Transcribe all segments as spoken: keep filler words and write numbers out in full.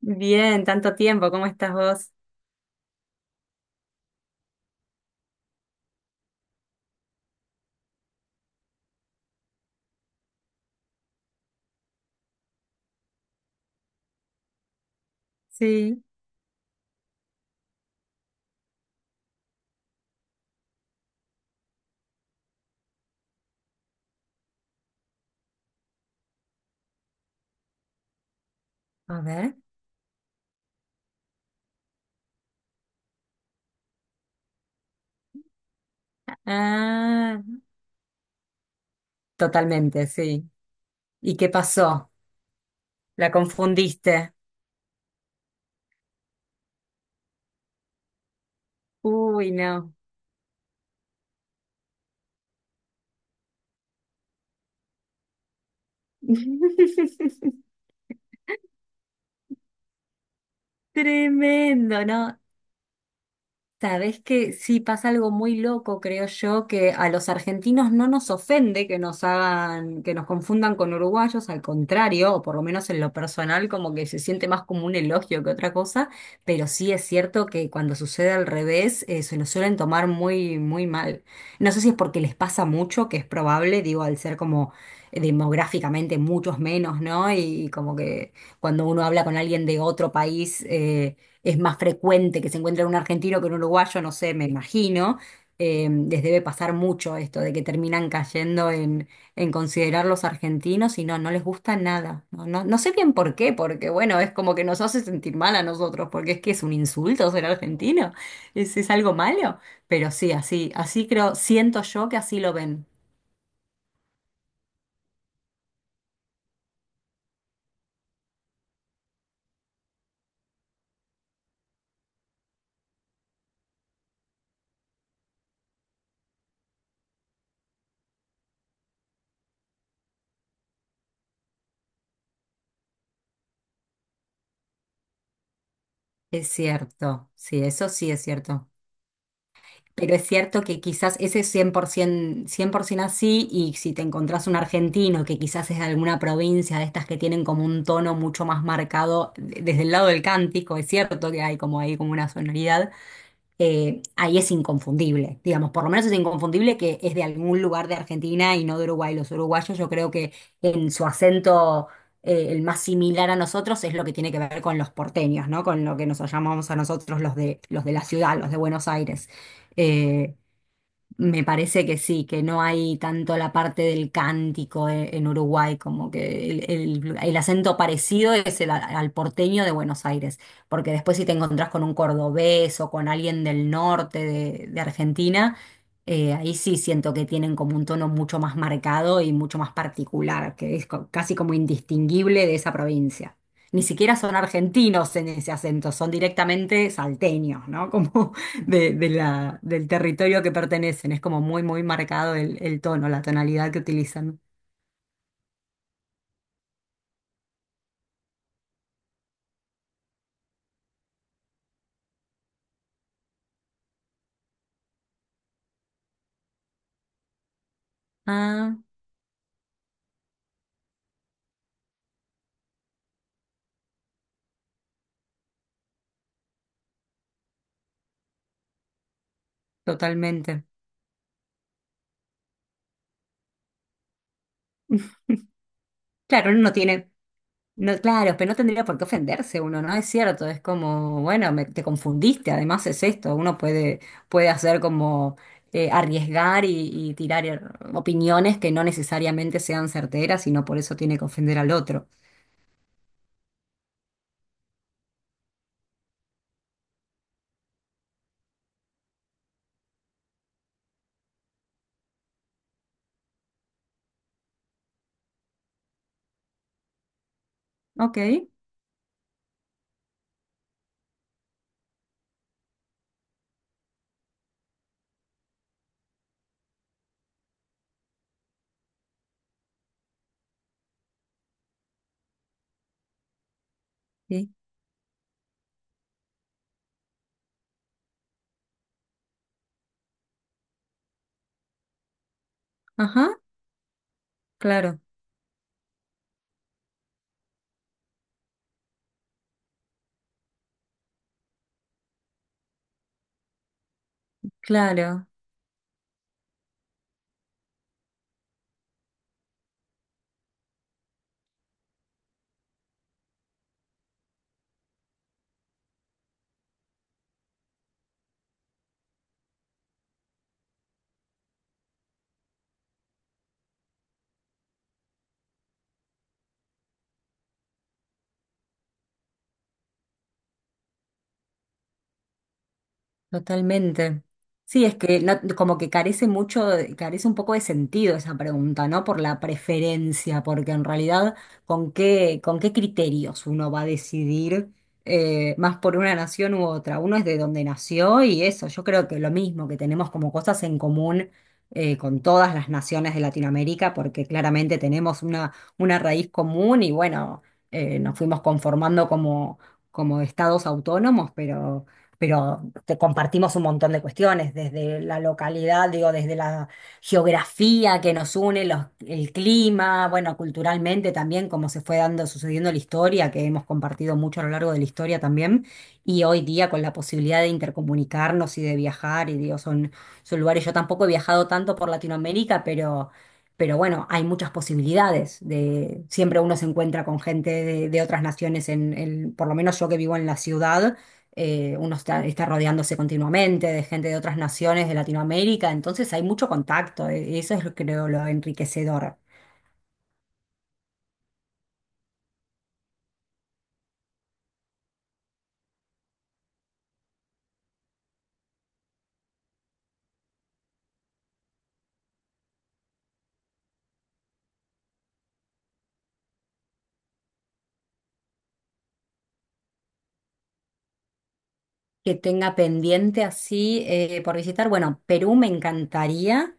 Bien, tanto tiempo, ¿cómo estás vos? Sí, a ver. Ah, totalmente, sí. ¿Y qué pasó? ¿La confundiste? Uy, no. Tremendo, ¿no? Sabes que sí pasa algo muy loco, creo yo, que a los argentinos no nos ofende que nos hagan, que nos confundan con uruguayos, al contrario, o por lo menos en lo personal, como que se siente más como un elogio que otra cosa, pero sí es cierto que cuando sucede al revés, eh, se lo suelen tomar muy, muy mal. No sé si es porque les pasa mucho, que es probable, digo, al ser como eh, demográficamente muchos menos, ¿no? Y, y como que cuando uno habla con alguien de otro país, eh, es más frecuente que se encuentre un argentino que un uruguayo, no sé, me imagino. Eh, les debe pasar mucho esto de que terminan cayendo en, en considerar los argentinos y no, no les gusta nada. No, no, no sé bien por qué, porque bueno, es como que nos hace sentir mal a nosotros, porque es que es un insulto ser argentino, es, es algo malo. Pero sí, así, así creo, siento yo que así lo ven. Es cierto, sí, eso sí es cierto. Pero es cierto que quizás ese es cien por cien por ciento así, y si te encontrás un argentino que quizás es de alguna provincia de estas que tienen como un tono mucho más marcado de- desde el lado del cántico, es cierto que hay como ahí como una sonoridad, eh, ahí es inconfundible, digamos, por lo menos es inconfundible que es de algún lugar de Argentina y no de Uruguay. Los uruguayos yo creo que en su acento eh, el más similar a nosotros es lo que tiene que ver con los porteños, ¿no? Con lo que nos llamamos a nosotros los de, los de la ciudad, los de Buenos Aires. Eh, Me parece que sí, que no hay tanto la parte del cántico e- en Uruguay, como que el, el- el acento parecido es el a- al porteño de Buenos Aires, porque después si te encontrás con un cordobés o con alguien del norte de, de Argentina, eh, ahí sí siento que tienen como un tono mucho más marcado y mucho más particular, que es co- casi como indistinguible de esa provincia. Ni siquiera son argentinos en ese acento, son directamente salteños, ¿no? Como de, de la, del territorio que pertenecen. Es como muy, muy marcado el, el tono, la tonalidad que utilizan. Ah, totalmente. Claro, uno no tiene, no, claro, pero no tendría por qué ofenderse uno, ¿no? Es cierto, es como, bueno, me- te confundiste, además es esto, uno puede, puede hacer como eh, arriesgar y, y tirar eh, opiniones que no necesariamente sean certeras y no por eso tiene que ofender al otro. Ok, sí. Ajá, claro, claro. Totalmente. Sí, es que no- como que carece mucho, de- carece un poco de sentido esa pregunta, ¿no? Por la preferencia, porque en realidad, ¿con qué, con qué criterios uno va a decidir eh, más por una nación u otra? Uno es de donde nació y eso, yo creo que lo mismo, que tenemos como cosas en común eh, con todas las naciones de Latinoamérica, porque claramente tenemos una, una raíz común y bueno, eh, nos fuimos conformando como, como estados autónomos, pero pero te compartimos un montón de cuestiones, desde la localidad, digo, desde la geografía que nos une, los- el clima, bueno, culturalmente también, cómo se fue dando, sucediendo la historia, que hemos compartido mucho a lo largo de la historia también, y hoy día con la posibilidad de intercomunicarnos y de viajar, y digo, son, son lugares, yo tampoco he viajado tanto por Latinoamérica, pero... Pero bueno, hay muchas posibilidades de siempre uno se encuentra con gente de, de otras naciones en, en- por lo menos yo que vivo en la ciudad, eh, uno está, está rodeándose continuamente de gente de otras naciones de Latinoamérica, entonces hay mucho contacto, eh, eso es lo- creo lo enriquecedor. Que tenga pendiente así eh, por visitar, bueno, Perú me encantaría,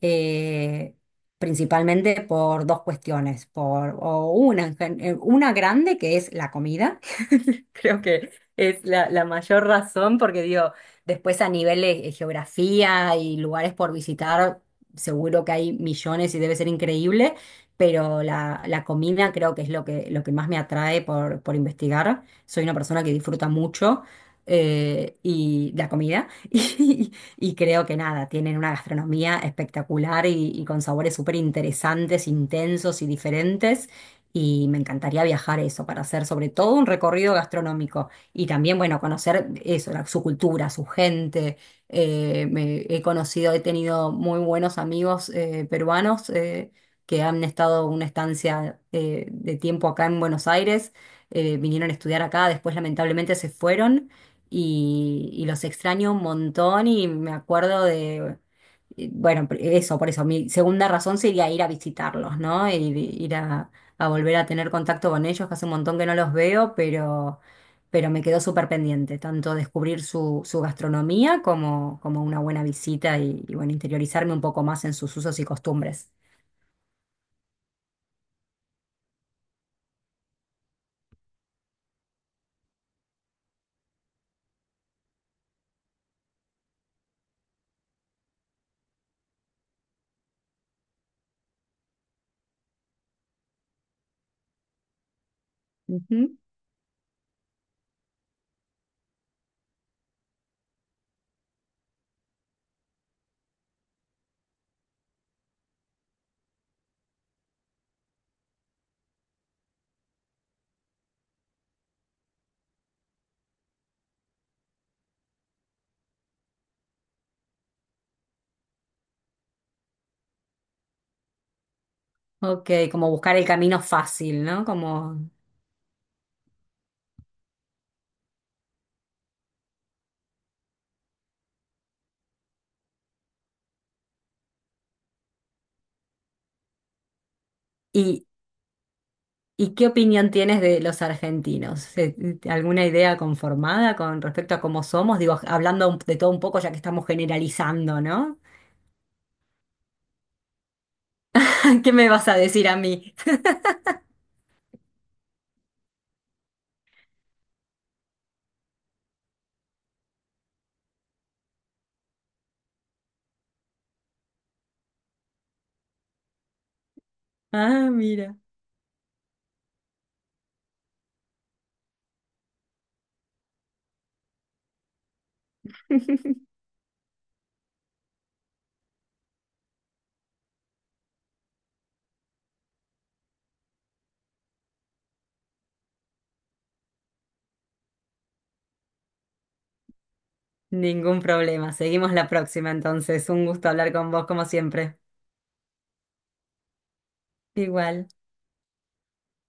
eh, principalmente por dos cuestiones, por o una, en gen- eh, una grande que es la comida. Creo que es la, la mayor razón, porque digo, después a nivel de eh, geografía y lugares por visitar, seguro que hay millones y debe ser increíble, pero la, la comida creo que es lo que, lo que más me atrae por, por investigar. Soy una persona que disfruta mucho eh, y la comida, y, y creo que nada, tienen una gastronomía espectacular y, y con sabores súper interesantes, intensos y diferentes. Y me encantaría viajar a eso para hacer sobre todo un recorrido gastronómico y también, bueno, conocer eso, la- su cultura, su gente. Eh, me- he conocido, he tenido muy buenos amigos eh, peruanos eh, que han estado una estancia eh, de tiempo acá en Buenos Aires, eh, vinieron a estudiar acá, después lamentablemente se fueron y, y los extraño un montón y me acuerdo de... Bueno, pr- eso, por eso, mi segunda razón sería ir a visitarlos, ¿no? Ir, ir a, a volver a tener contacto con ellos, que hace un montón que no los veo, pero, pero me quedó súper pendiente, tanto descubrir su, su gastronomía como, como una buena visita y, y, bueno, interiorizarme un poco más en sus usos y costumbres. Ujú. Ok, como buscar el camino fácil, ¿no? Como... ¿Y, y qué opinión tienes de los argentinos? Eh, ¿Alguna idea conformada con respecto a cómo somos? Digo, hablando un- de todo un poco, ya que estamos generalizando, ¿no? ¿Qué me vas a decir a mí? Ah, mira. Ningún problema. Seguimos la próxima entonces. Un gusto hablar con vos como siempre. Igual.